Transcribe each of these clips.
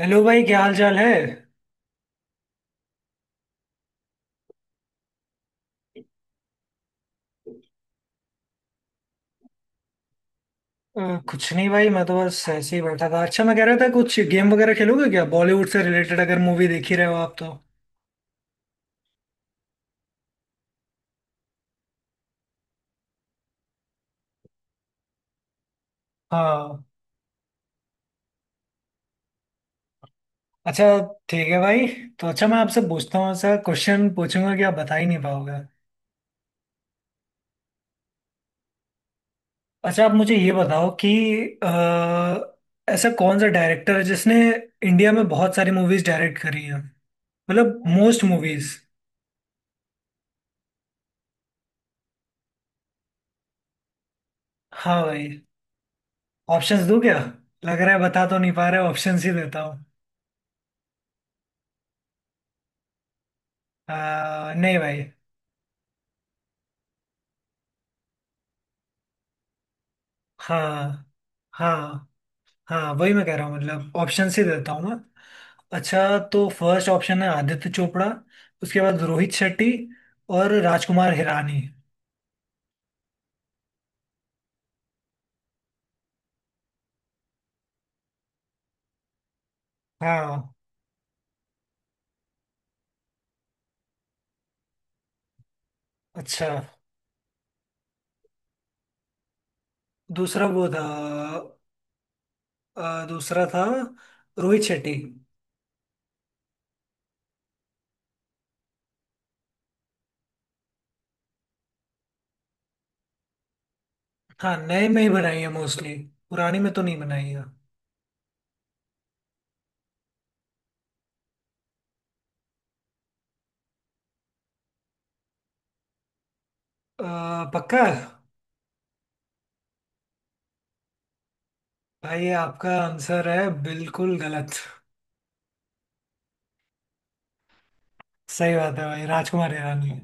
Hello भाई, क्या हाल चाल है। अ, कुछ नहीं भाई, मैं तो बस ऐसे ही बैठा था। अच्छा, मैं कह रहा था कुछ गेम वगैरह खेलोगे क्या? बॉलीवुड से रिलेटेड, अगर मूवी देखी रहे हो आप तो। हाँ। अच्छा, ठीक है भाई। तो अच्छा, मैं आपसे पूछता हूँ, ऐसा क्वेश्चन पूछूंगा कि आप बता ही नहीं पाओगे। अच्छा, आप मुझे ये बताओ कि अ, ऐसा कौन सा डायरेक्टर है जिसने इंडिया में बहुत सारी मूवीज डायरेक्ट करी हैं, मतलब मोस्ट मूवीज। हाँ भाई। ऑप्शंस दूं क्या? लग रहा है बता तो नहीं पा रहे, ऑप्शंस ही देता हूँ। नहीं भाई। हाँ, हाँ, हाँ, वही मैं कह रहा हूँ, मतलब ऑप्शन से देता हूँ मैं। अच्छा तो फर्स्ट ऑप्शन है आदित्य चोपड़ा, उसके बाद रोहित शेट्टी, और राजकुमार हिरानी। हाँ। अच्छा। दूसरा वो था दूसरा था रोहित शेट्टी। हाँ, नए में ही बनाई है मोस्टली, पुरानी में तो नहीं बनाई है। पक्का। भाई आपका आंसर है बिल्कुल गलत। सही बात है भाई, राजकुमार हिरानी।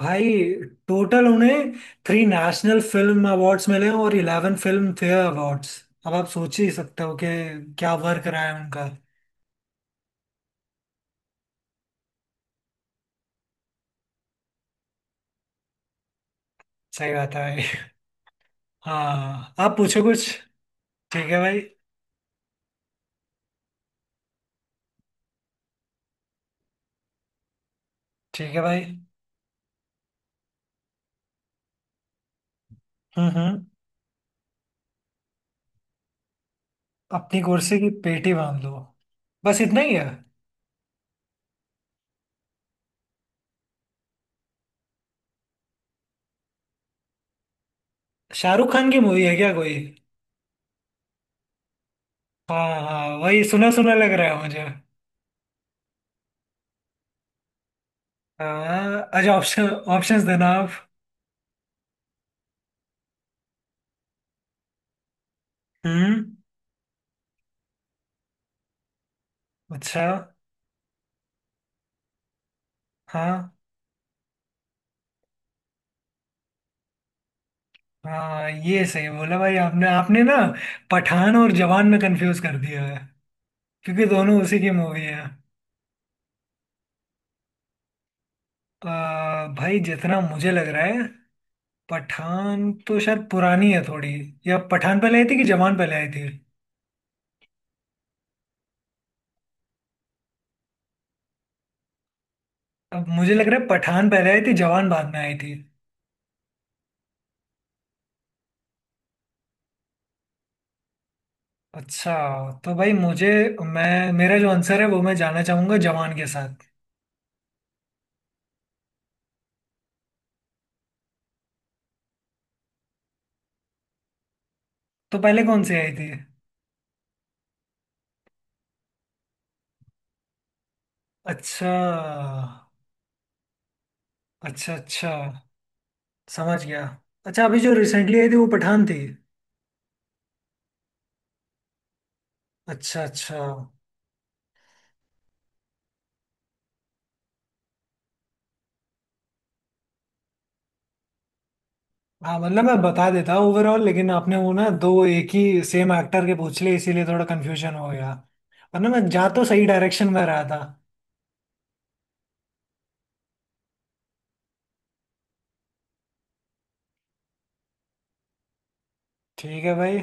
भाई, टोटल उन्हें थ्री नेशनल फिल्म अवार्ड्स मिले हैं और 11 फिल्म फेयर अवार्ड्स। अब आप सोच ही सकते हो कि क्या वर्क रहा है उनका। सही बात है भाई। हाँ, आप पूछो कुछ। ठीक है भाई। ठीक है भाई। हम्म, हम्म। अपनी कुर्सी की पेटी बांध लो। बस इतना ही है। शाहरुख खान की मूवी है क्या कोई? हाँ, हाँ, वही सुना सुना लग रहा है मुझे। हाँ, अच्छा। ऑप्शन ऑप्शंस देना आप। हम्म। अच्छा। हाँ, हाँ, ये सही बोला भाई आपने आपने ना पठान और जवान में कंफ्यूज कर दिया है, क्योंकि दोनों उसी की मूवी है। भाई जितना मुझे लग रहा है, पठान तो शायद पुरानी है थोड़ी। या पठान पहले आई थी कि जवान पहले आई थी? अब मुझे लग रहा है पठान पहले आई थी, जवान बाद में आई थी। अच्छा। तो भाई मुझे मैं मेरा जो आंसर है वो मैं जाना चाहूंगा जवान के साथ। तो पहले कौन सी आई थी? अच्छा, अच्छा, अच्छा, समझ गया। अच्छा, अभी जो रिसेंटली आई थी वो पठान थी। अच्छा, अच्छा। हाँ, मतलब मैं बता देता हूँ ओवरऑल, लेकिन आपने वो ना दो एक ही सेम एक्टर के पूछ लिए, इसीलिए थोड़ा कंफ्यूजन हो गया। वरना मैं जा तो सही डायरेक्शन में रहा था। ठीक है भाई।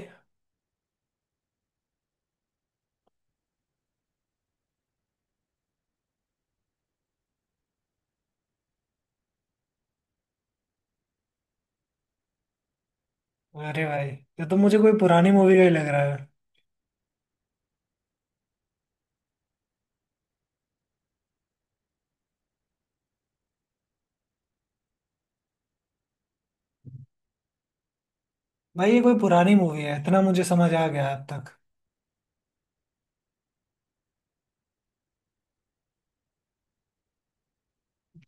अरे भाई, ये तो मुझे कोई पुरानी मूवी का ही लग रहा है। भाई, ये कोई पुरानी मूवी है, इतना मुझे समझ आ गया अब तक।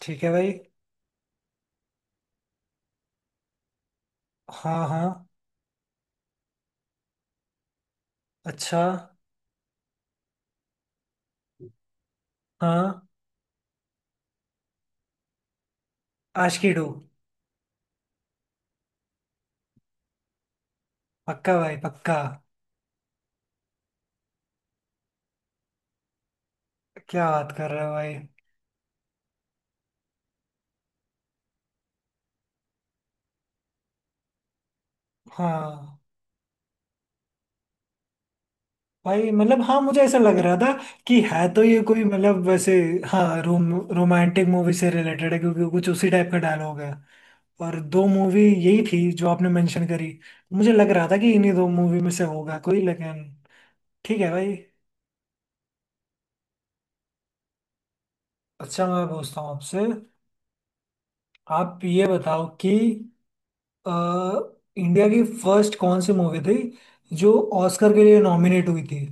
ठीक है भाई। हाँ, हाँ, अच्छा, हाँ, आशिकी टू। पक्का भाई, पक्का। क्या बात कर रहे हो भाई? हाँ भाई, मतलब हाँ, मुझे ऐसा लग रहा था कि है तो ये कोई, मतलब वैसे, हाँ, रोमांटिक मूवी से रिलेटेड है, क्योंकि कुछ उसी टाइप का डायलॉग है। और दो मूवी यही थी जो आपने मेंशन करी। मुझे लग रहा था कि इन्हीं दो मूवी में से होगा कोई, लेकिन ठीक है भाई। अच्छा, मैं पूछता हूँ आपसे। आप ये बताओ कि अ, इंडिया की फर्स्ट कौन सी मूवी थी जो ऑस्कर के लिए नॉमिनेट हुई थी?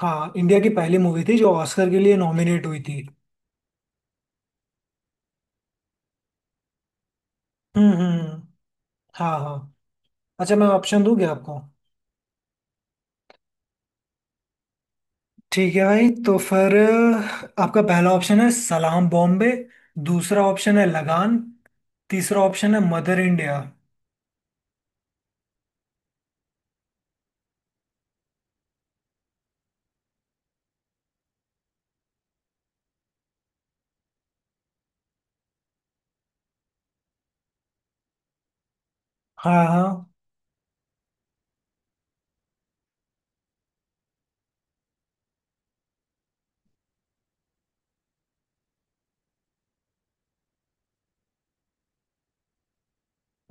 हाँ, इंडिया की पहली मूवी थी जो ऑस्कर के लिए नॉमिनेट हुई थी। हम्म, हम्म। हाँ, हाँ। अच्छा, मैं ऑप्शन दूं क्या आपको? ठीक है भाई। तो फिर आपका पहला ऑप्शन है सलाम बॉम्बे, दूसरा ऑप्शन है लगान, तीसरा ऑप्शन है मदर इंडिया। हाँ, हाँ।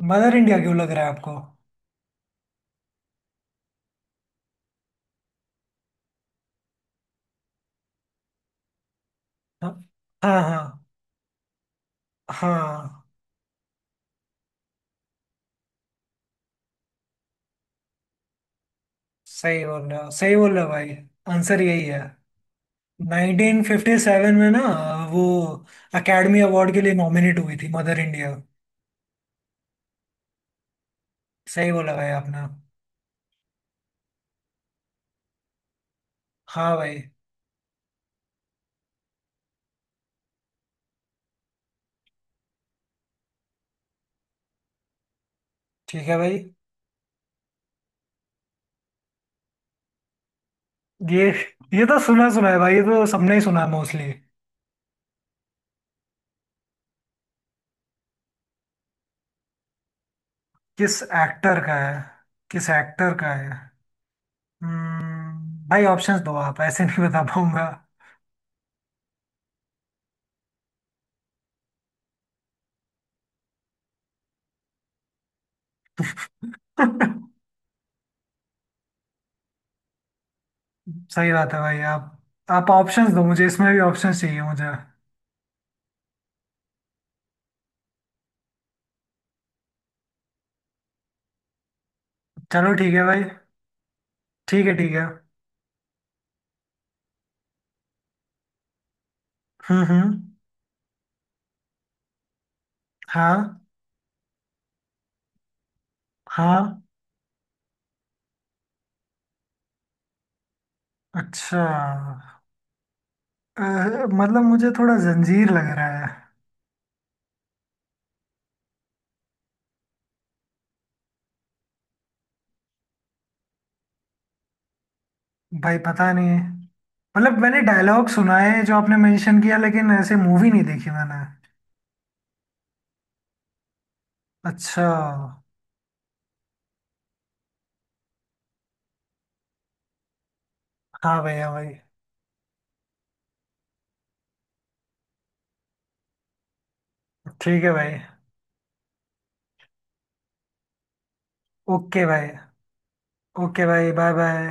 मदर इंडिया क्यों लग रहा है आपको? हाँ, हाँ, हाँ, हाँ, सही बोल रहे हो, सही बोल रहे हो भाई, आंसर यही है। 1957 में ना वो एकेडमी अवार्ड के लिए नॉमिनेट हुई थी, मदर इंडिया। सही बोला भाई आपने। हाँ भाई। ठीक है भाई। ये ये तो सुना सुना है भाई, ये तो सबने ही सुना है मोस्टली। किस एक्टर का है? किस एक्टर का है? भाई ऑप्शंस दो, आप ऐसे नहीं बता पाऊंगा। सही बात है भाई। आप ऑप्शंस दो मुझे, इसमें भी ऑप्शंस चाहिए मुझे। चलो ठीक है भाई। ठीक है, ठीक है। हम्म, हम्म। हाँ, हाँ। अच्छा, अ, मतलब मुझे थोड़ा जंजीर लग रहा है। भाई, पता नहीं, मतलब मैंने डायलॉग सुना है जो आपने मेंशन किया, लेकिन ऐसे मूवी नहीं देखी मैंने। अच्छा। हाँ भैया भाई। ठीक है भाई। ओके भाई। ओके भाई, बाय बाय।